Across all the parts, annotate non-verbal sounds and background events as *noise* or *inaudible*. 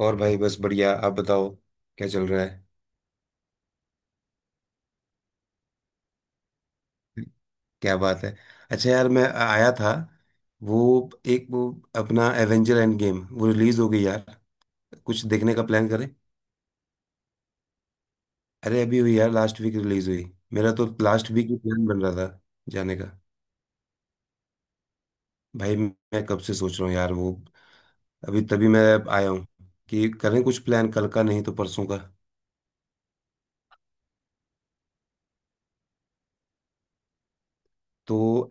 और भाई बस बढ़िया। आप बताओ क्या चल रहा है? क्या बात है। अच्छा यार मैं आया था वो एक वो अपना एवेंजर एंड गेम वो रिलीज हो गई यार। कुछ देखने का प्लान करें। अरे अभी हुई यार, लास्ट वीक रिलीज हुई। मेरा तो लास्ट वीक ही प्लान बन रहा था जाने का। भाई मैं कब से सोच रहा हूँ यार वो, अभी तभी मैं आया हूँ कि करें कुछ प्लान कल का, नहीं तो परसों का। तो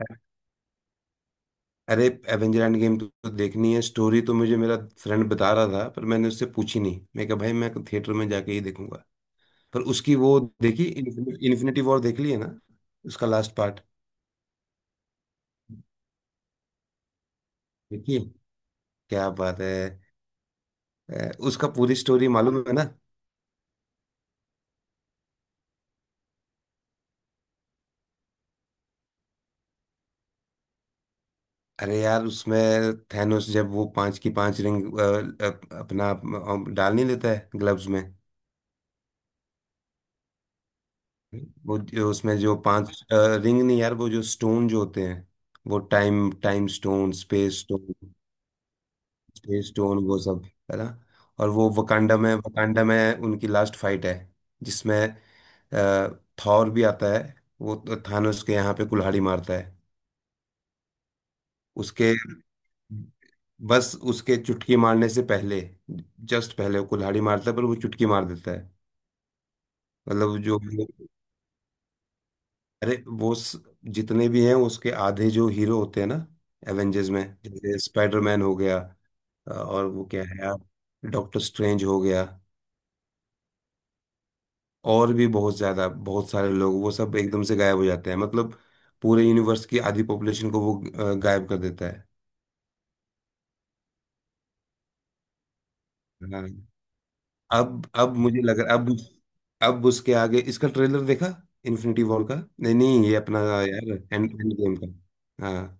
अरे, एवेंजर एंड गेम तो देखनी है। स्टोरी तो मुझे मेरा फ्रेंड बता रहा था, पर मैंने उससे पूछी नहीं। मैं कहा भाई मैं थिएटर में जाके ही देखूंगा। पर उसकी वो देखी, इन्फिनिटी वॉर देख ली है ना, उसका लास्ट पार्ट? देखिए क्या बात है। उसका पूरी स्टोरी मालूम है ना। अरे यार उसमें थैनोस जब वो पांच की पांच रिंग अपना डाल नहीं लेता है ग्लव्स में। वो जो उसमें जो पांच रिंग नहीं यार, वो जो स्टोन जो होते हैं, वो time time stone, space stone, stone, वो सब है ना। और वो वकांडा में उनकी लास्ट फाइट है जिसमें थॉर भी आता है। वो तो थानोस के यहाँ पे कुल्हाड़ी मारता है उसके, बस उसके चुटकी मारने से पहले, जस्ट पहले वो कुल्हाड़ी मारता है पर वो चुटकी मार देता है। मतलब जो, अरे जितने भी हैं उसके आधे जो हीरो होते हैं ना, एवेंजर्स में, जैसे स्पाइडरमैन हो गया, और वो क्या है यार डॉक्टर स्ट्रेंज हो गया, और भी बहुत ज्यादा बहुत सारे लोग, वो सब एकदम से गायब हो जाते हैं। मतलब पूरे यूनिवर्स की आधी पॉपुलेशन को वो गायब कर देता है। हाँ। अब मुझे लग रहा अब उसके आगे इसका ट्रेलर देखा इन्फिनिटी वॉर का। नहीं नहीं ये अपना, यार एंड एंड गेम का हाँ।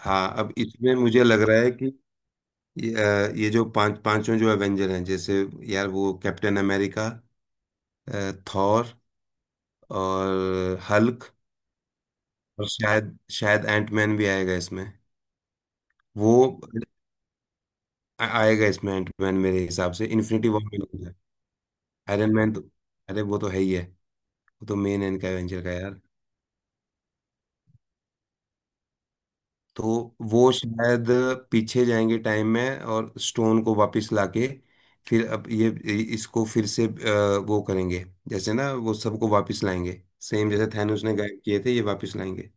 हाँ अब इसमें मुझे लग रहा है कि ये जो पांच पांचों जो एवेंजर हैं, जैसे यार वो कैप्टन अमेरिका, थॉर, और हल्क और शायद शायद एंटमैन भी आएगा इसमें, वो आएगा इसमें एंटमैन, मेरे हिसाब से इन्फिनिटी वॉर में नहीं है। आयरन मैन तो, अरे वो तो है ही है। वो तो मेन है इनका एवेंजर का यार। तो वो शायद पीछे जाएंगे टाइम में और स्टोन को वापस लाके फिर, अब ये, इसको फिर से वो करेंगे जैसे ना, वो सबको वापस लाएंगे, सेम जैसे थैनोस ने गायब किए थे ये वापस लाएंगे।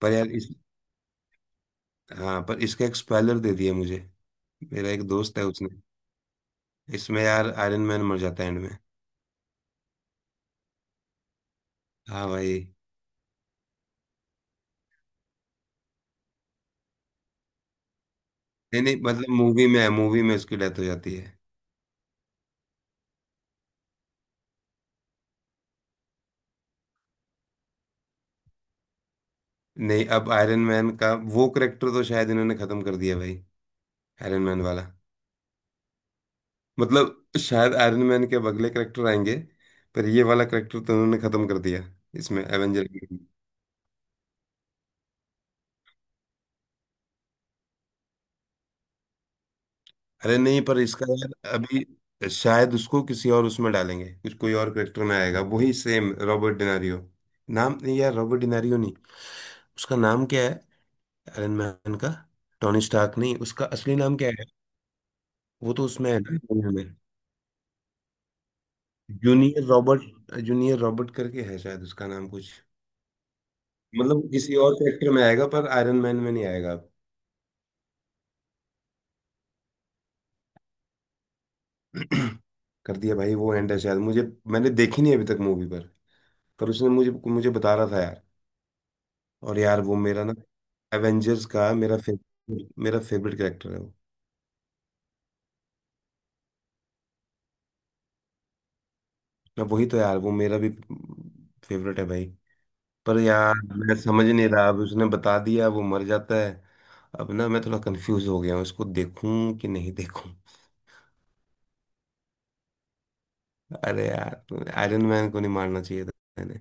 पर यार इस, हाँ पर इसका एक स्पॉइलर दे दिया मुझे। मेरा एक दोस्त है उसने, इसमें यार आयरन मैन मर जाता है एंड में। हाँ भाई। नहीं नहीं, मतलब मूवी में है, मूवी में उसकी डेथ हो जाती है। नहीं अब आयरन मैन का वो करेक्टर तो शायद इन्होंने खत्म कर दिया भाई, आयरन मैन वाला। मतलब शायद आयरन मैन के अब अगले करेक्टर आएंगे, पर ये वाला करेक्टर तो उन्होंने खत्म कर दिया इसमें एवेंजर। अरे नहीं पर इसका यार, अभी शायद उसको किसी और उसमें डालेंगे कुछ, कोई और करेक्टर में आएगा वही सेम रॉबर्ट डिनारियो। नाम नहीं यार, रॉबर्ट डिनारियो नहीं। उसका नाम क्या है आयरन मैन का? टोनी स्टार्क नहीं, उसका असली नाम क्या है? वो तो उसमें है ना दुनिया में। जूनियर रॉबर्ट, जूनियर रॉबर्ट करके है शायद उसका नाम कुछ। मतलब किसी और कैरेक्टर में आएगा, पर आयरन मैन में नहीं आएगा। *clears throat* कर दिया भाई, वो एंड है शायद मुझे। मैंने देखी नहीं अभी तक मूवी पर उसने मुझे, मुझे बता रहा था यार। और यार वो मेरा ना एवेंजर्स का मेरा फेवरेट, मेरा फेवरेट कैरेक्टर है वो। मैं वही तो, यार वो मेरा भी फेवरेट है भाई। पर यार मैं समझ नहीं रहा अब, उसने बता दिया वो मर जाता है, अब ना मैं थोड़ा कंफ्यूज हो गया हूँ इसको देखूं कि नहीं देखूं। अरे यार आयरन मैन को नहीं मारना चाहिए था। मैंने,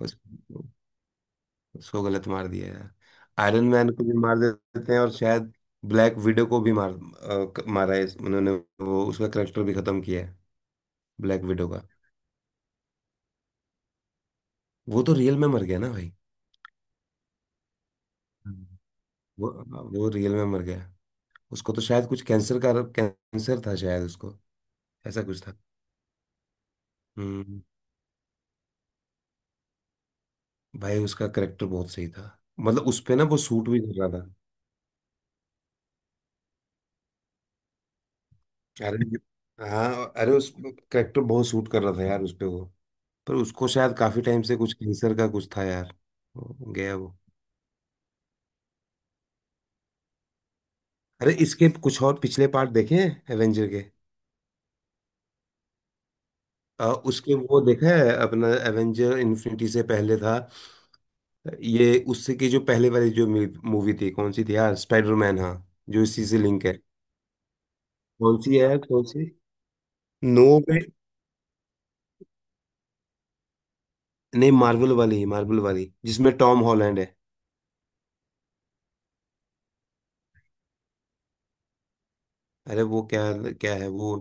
उस, उसको गलत मार दिया यार। आयरन मैन को भी मार देते हैं और शायद ब्लैक विडो को भी मारा है, उन्होंने। वो उसका करेक्टर भी खत्म किया है, ब्लैक विडो का। वो तो रियल में मर गया ना भाई। हम्म। वो वो रियल में मर गया। उसको तो शायद कुछ कैंसर का, कैंसर था शायद उसको, ऐसा कुछ था। हम्म भाई उसका करेक्टर बहुत सही था, मतलब उस पे ना वो सूट भी कर रहा था। अरे हाँ अरे उस, करेक्टर बहुत सूट कर रहा था यार उस पे वो। पर उसको शायद काफी टाइम से कुछ कैंसर का कुछ था यार, वो गया वो। अरे इसके कुछ और पिछले पार्ट देखे हैं एवेंजर के? उसके वो देखा है अपना एवेंजर इन्फिनिटी से पहले था ये, उससे की जो पहले वाली जो मूवी थी कौन सी थी यार, स्पाइडरमैन हाँ, जो इसी से लिंक है। कौन सी है, कौन सी? नो पे, नहीं मार्वल वाली, मार्वल वाली जिसमें टॉम हॉलैंड है। अरे वो क्या, क्या है वो,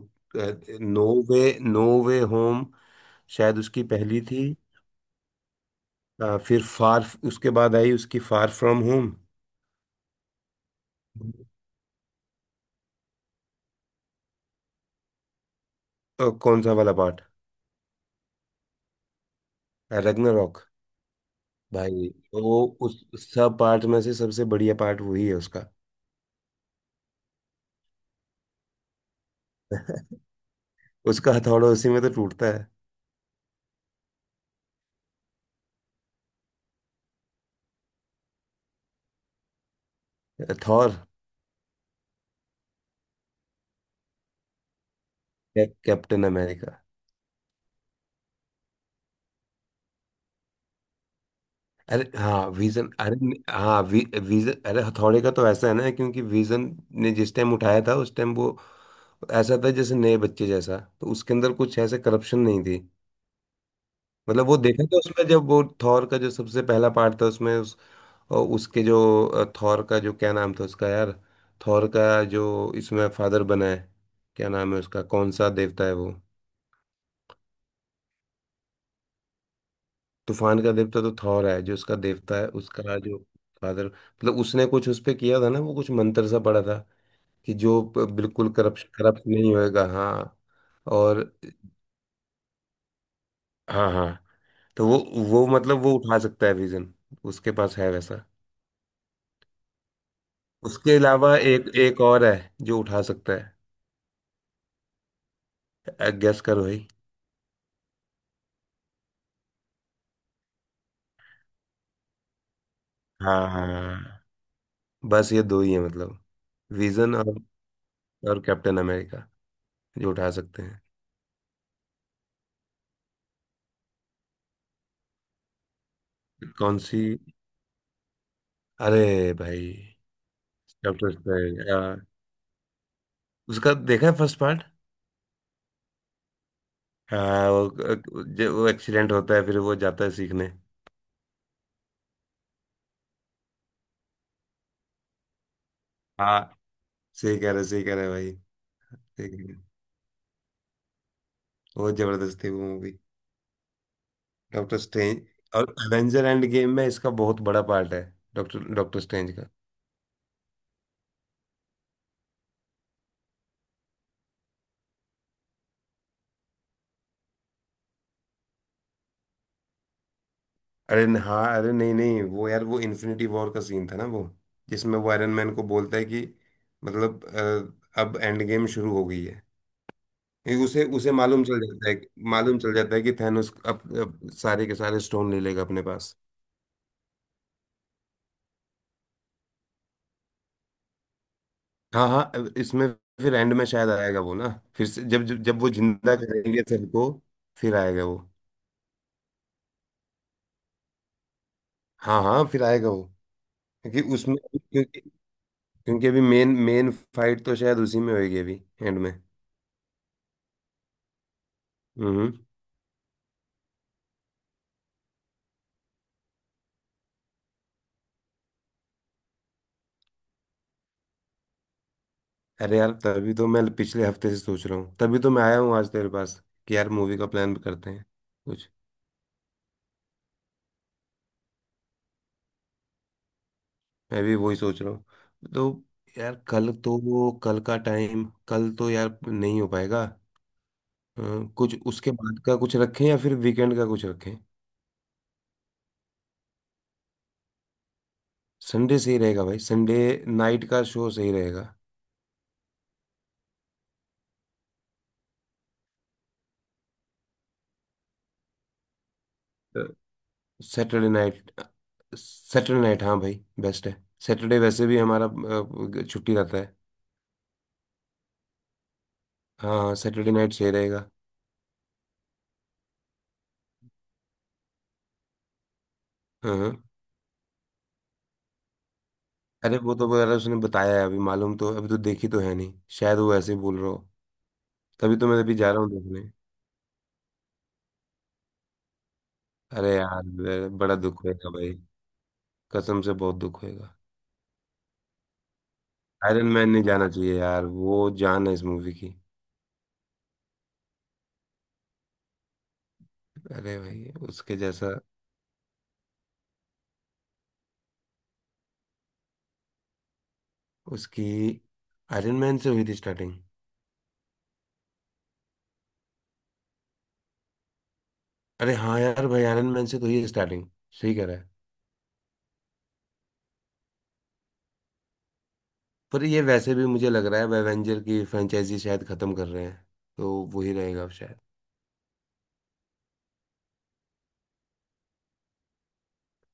no way, no way home, शायद उसकी पहली थी। फिर फार, उसके बाद आई उसकी फार फ्रॉम होम। कौन सा वाला पार्ट? रग्नारॉक। भाई वो उस सब पार्ट में से सबसे बढ़िया पार्ट वही है उसका। *laughs* उसका हथौड़ा उसी में तो टूटता है। Thor, Captain America. अरे हाँ विजन, अरे हाँ विजन। अरे हथौड़े का तो ऐसा है ना, क्योंकि विजन ने जिस टाइम उठाया था उस टाइम वो ऐसा था जैसे नए बच्चे जैसा, तो उसके अंदर कुछ ऐसे करप्शन नहीं थी। मतलब वो देखा था उसमें जब वो थॉर का जो सबसे पहला पार्ट था उसमें उस, और उसके जो थॉर का जो क्या नाम था उसका यार, थॉर का जो इसमें फादर बना है, क्या नाम है उसका, कौन सा देवता है वो? तूफान का देवता तो थॉर है, जो उसका देवता है उसका जो फादर, मतलब उसने कुछ उस पे किया था ना, वो कुछ मंत्र सा पड़ा था कि जो बिल्कुल करप्शन करप्ट नहीं होएगा हाँ और। हाँ हाँ। तो वो मतलब वो उठा सकता है विजन, उसके पास है वैसा। उसके अलावा एक एक और है जो उठा सकता है, गेस करो भाई। हाँ हाँ बस ये दो ही है मतलब, विजन और कैप्टन अमेरिका, जो उठा सकते हैं। कौन सी? अरे भाई कैप्टन, उसका देखा है फर्स्ट पार्ट? हाँ वो, जो वो एक्सीडेंट होता है फिर वो जाता है सीखने। हाँ सही कह रहे, सही कह रहे भाई, सही कह रहे। बहुत जबरदस्त थी वो मूवी, डॉक्टर स्ट्रेंज। और एवेंजर एंड गेम में इसका बहुत बड़ा पार्ट है, डॉक्टर डॉक्टर स्ट्रेंज का। अरे हाँ, अरे नहीं नहीं, वो यार वो इन्फिनिटी वॉर का सीन था ना वो, जिसमें वो आयरन मैन को बोलता है कि मतलब अब एंड गेम शुरू हो गई है, ये उसे उसे मालूम चल जाता है, मालूम चल जाता है कि थैनोस अब सारे के सारे स्टोन ले लेगा अपने पास। हाँ हाँ। इसमें फिर एंड में शायद आएगा वो ना, फिर से जब जब, जब वो जिंदा करेंगे सबको, फिर आएगा वो। हाँ हाँ फिर आएगा वो। क्योंकि उसमें क्योंकि क्योंकि अभी मेन मेन फाइट तो शायद उसी में होगी अभी एंड में। हम्म अरे यार तभी तो मैं पिछले हफ्ते से सोच रहा हूँ, तभी तो मैं आया हूँ आज तेरे पास कि यार मूवी का प्लान करते हैं कुछ। मैं भी वही सोच रहा हूँ। तो यार कल तो वो, कल का टाइम कल तो यार नहीं हो पाएगा। अ, कुछ उसके बाद का कुछ रखें या फिर वीकेंड का कुछ रखें। संडे सही रहेगा भाई, संडे नाइट का शो सही रहेगा। सैटरडे नाइट, सैटरडे नाइट हाँ भाई, बेस्ट है। सैटरडे वैसे भी हमारा छुट्टी रहता है। हाँ सैटरडे नाइट सही रहेगा। हाँ। अरे वो तो वगैरह उसने बताया है, अभी मालूम तो, अभी तो देखी तो है नहीं, शायद वो ऐसे ही बोल रहा हो। तभी तो मैं अभी जा रहा हूँ देखने। अरे यार बड़ा दुख होएगा भाई, कसम से बहुत दुख होएगा। आयरन मैन नहीं जाना चाहिए यार, वो जान है इस मूवी की। अरे भाई उसके जैसा, उसकी आयरन मैन से हुई थी स्टार्टिंग। अरे हाँ यार भाई आयरन मैन से तो ये स्टार्टिंग, सही कह रहा है। पर ये वैसे भी मुझे लग रहा है एवेंजर की फ्रेंचाइजी शायद खत्म कर रहे हैं, तो वही रहेगा अब शायद।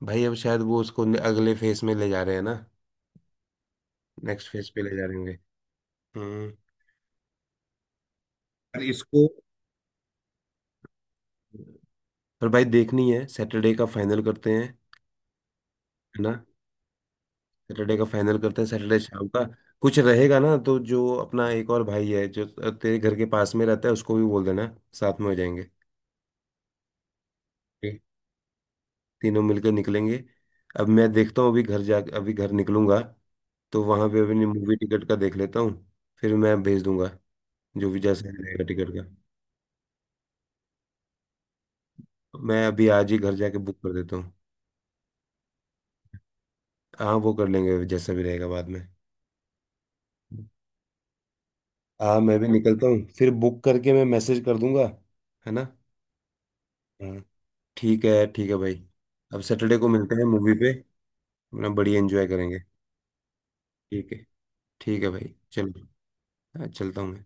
भाई अब शायद वो उसको अगले फेस में ले जा रहे हैं ना, नेक्स्ट फेस पे ले जा रहे होंगे। हम्म पर इसको, पर भाई देखनी है। सैटरडे का फाइनल करते हैं, है ना? सैटरडे का फाइनल करते हैं, सैटरडे शाम का कुछ रहेगा ना, तो जो अपना एक और भाई है जो तेरे घर के पास में रहता है उसको भी बोल देना, साथ में हो जाएंगे, तीनों मिलकर निकलेंगे। अब मैं देखता हूँ, अभी घर जा, अभी घर निकलूंगा तो वहां पे अभी मूवी टिकट का देख लेता हूँ, फिर मैं भेज दूंगा। जो भी जैसा भी रहेगा टिकट का, मैं अभी आज ही घर जाके बुक कर देता हूँ। हाँ वो कर लेंगे जैसा भी रहेगा बाद में। हाँ मैं भी निकलता हूँ, फिर बुक करके मैं मैसेज कर दूंगा। है ना? हाँ। ठीक है भाई। अब सैटरडे को मिलते हैं मूवी पे, अपना बढ़िया एंजॉय करेंगे। ठीक है, ठीक है भाई चलो। हाँ, चलता हूँ मैं।